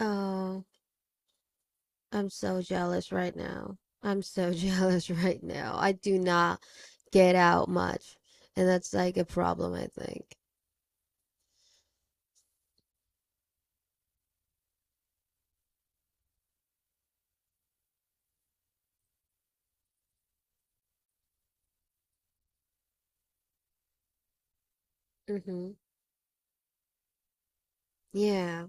Oh, I'm so jealous right now. I'm so jealous right now. I do not get out much, and that's like a problem, I think. Mm-hmm. Yeah.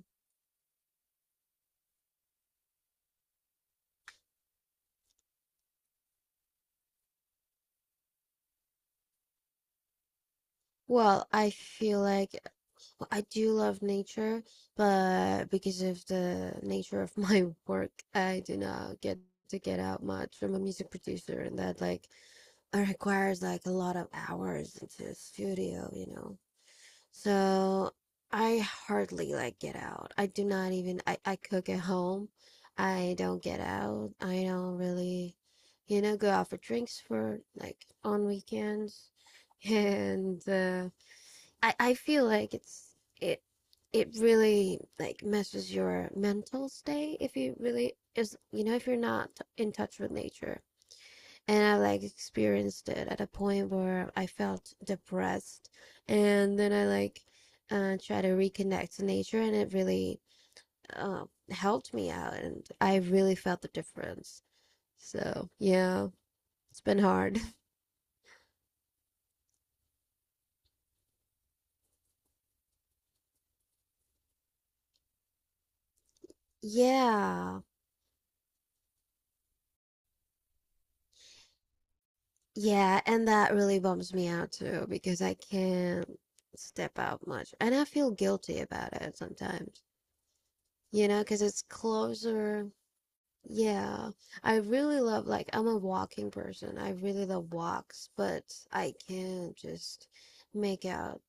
Well, I feel like well, I do love nature, but because of the nature of my work, I do not get to get out much. I'm a music producer, and that like it requires like a lot of hours into the studio, you know. So I hardly like get out. I do not even I cook at home. I don't get out. I don't really, you know, go out for drinks for like on weekends. And I feel like it it really like messes your mental state if you really is you know if you're not in touch with nature, and I like experienced it at a point where I felt depressed, and then I like try to reconnect to nature, and it really uh, helped me out, and I really felt the difference. So yeah, it's been hard. Yeah, yeah, and that really bums me out too because I can't step out much, and I feel guilty about it sometimes, you know, because it's closer. Yeah, I really love like I'm a walking person. I really love walks, but I can't just make out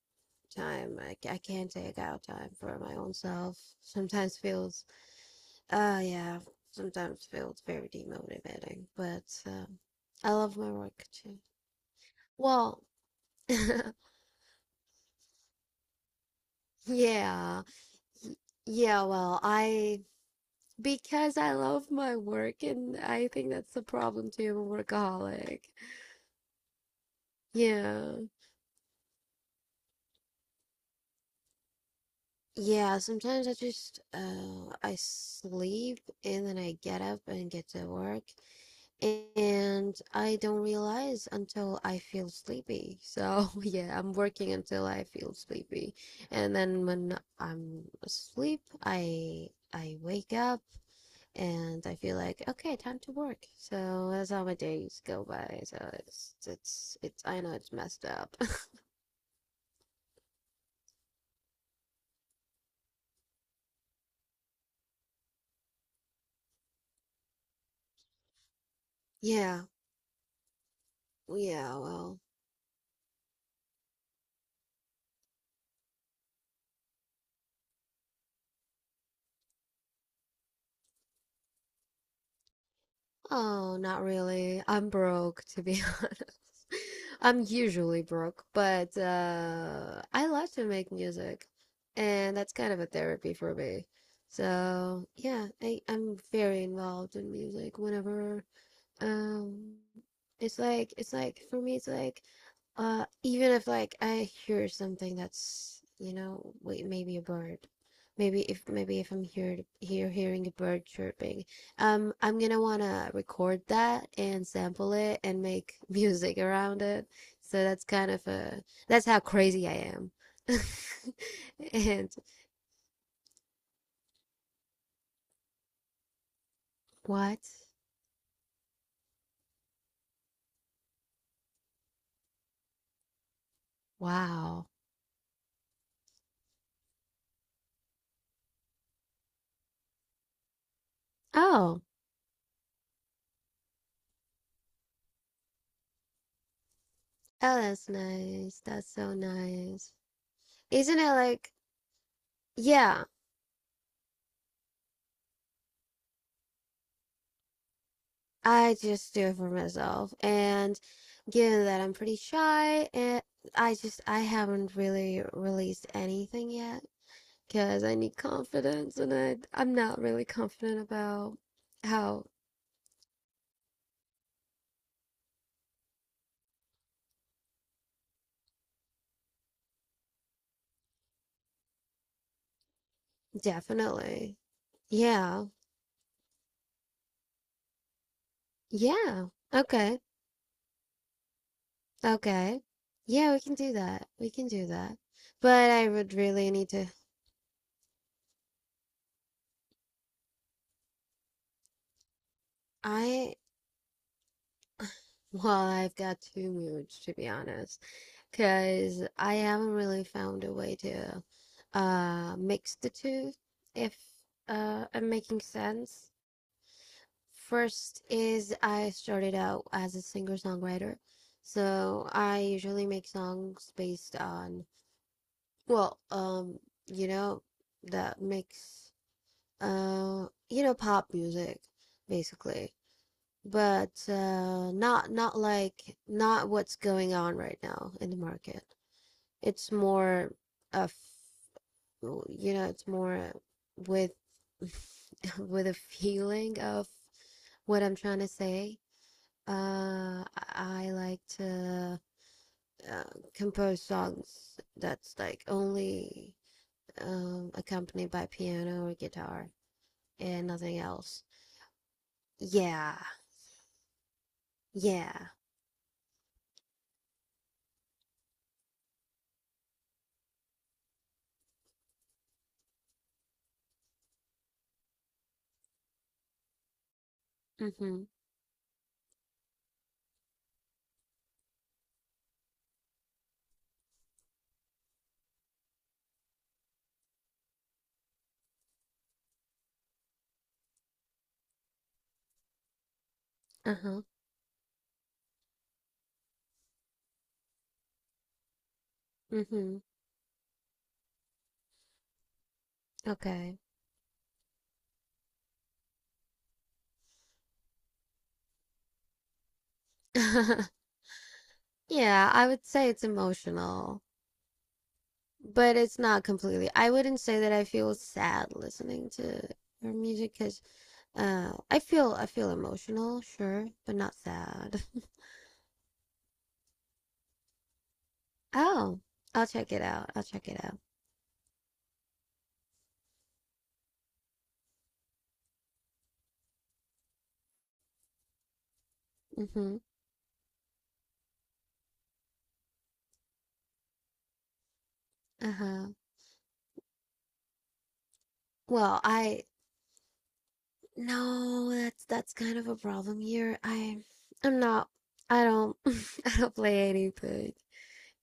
time. I can't take out time for my own self. Sometimes feels yeah, sometimes feels very demotivating, but I love my work too. Well, yeah. Yeah, well, I because I love my work, and I think that's the problem too. I'm a workaholic. Yeah. Yeah, sometimes I just I sleep and then I get up and get to work, and I don't realize until I feel sleepy. So yeah, I'm working until I feel sleepy. And then when I'm asleep, I wake up and I feel like okay, time to work. So that's how my days go by. So it's I know it's messed up. Yeah. Yeah, well. Oh, not really. I'm broke, to be honest. I'm usually broke, but I love to make music, and that's kind of a therapy for me. So, yeah, I'm very involved in music whenever. Um, it's like for me it's like even if like I hear something that's you know wait maybe a bird maybe if I'm here hearing a bird chirping. I'm gonna wanna record that and sample it and make music around it, so that's kind of a that's how crazy I am. And what? Wow. Oh, oh, that's nice, that's so nice. Isn't it like, yeah, I just do it for myself. And given that I'm pretty shy, and I just I haven't really released anything yet because I need confidence, and I'm not really confident about how. Definitely. Yeah. Yeah. Okay. Okay. Yeah, we can do that. We can do that. But I would really need to I well, I've got two moods to be honest. Because I haven't really found a way to mix the two, if I'm making sense. First is I started out as a singer-songwriter, so I usually make songs based on well, you know, that makes you know pop music basically. But not like not what's going on right now in the market. It's more of well, you know, it's more with with a feeling of what I'm trying to say. Uh, I I like to uh, compose songs that's like only accompanied by piano or guitar and nothing else. Yeah, yeah. Mm-hmm. Uh-huh. Mm-hmm. Okay. Yeah, I would say it's emotional. But it's not completely. I wouldn't say that I feel sad listening to her music because I feel emotional, sure, but not sad. Oh, I'll check it out. I'll check it out. Mm-hmm. Uh-huh. Well, I no, that's kind of a problem here. I I'm not. I don't. I don't play anything,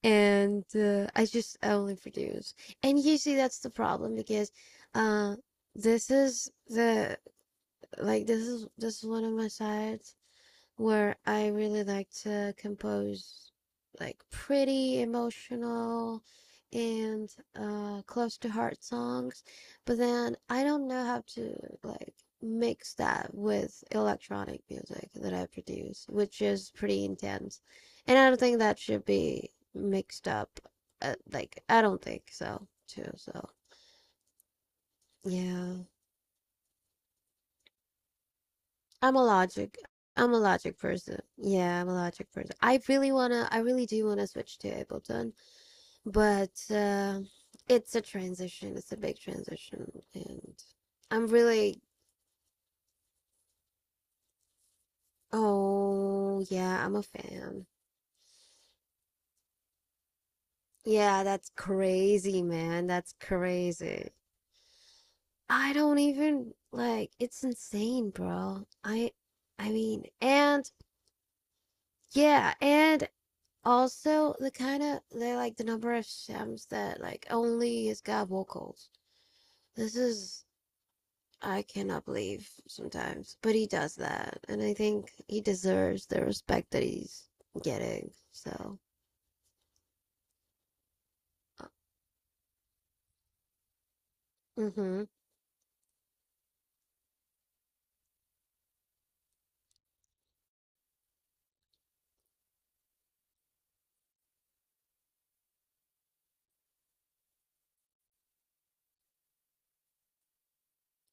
and I only produce. And usually that's the problem because uh, this is the like this is one of my sides where I really like to compose like pretty emotional and close to heart songs, but then I don't know how to like mix that with electronic music that I produce, which is pretty intense. And I don't think that should be mixed up. Like I don't think so too, so yeah. I'm a logic. I'm a logic person. Yeah, I'm a logic person. I really wanna, I really do wanna switch to Ableton, but it's a transition. It's a big transition, and I'm really, oh yeah, I'm a fan. Yeah, that's crazy, man. That's crazy. I don't even like. It's insane, bro. I mean, and yeah, and also, the kind of they like the number of Shams that like only his God vocals. This is I cannot believe sometimes, but he does that, and I think he deserves the respect that he's getting. So, uh, mm-hmm.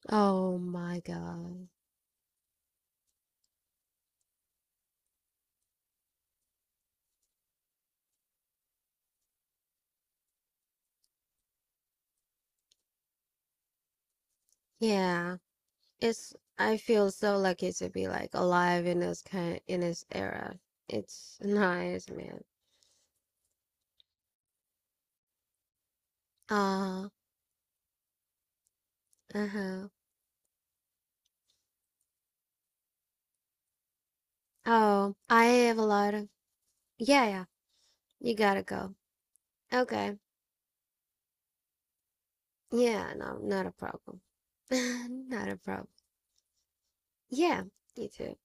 Oh my God, yeah, it's I feel so lucky to be like alive in this era. It's nice, man. Ah, uh-huh. Oh, I have a lot of yeah, yeah. You gotta go. Okay. Yeah, no, not a problem. Not a problem. Yeah, you too.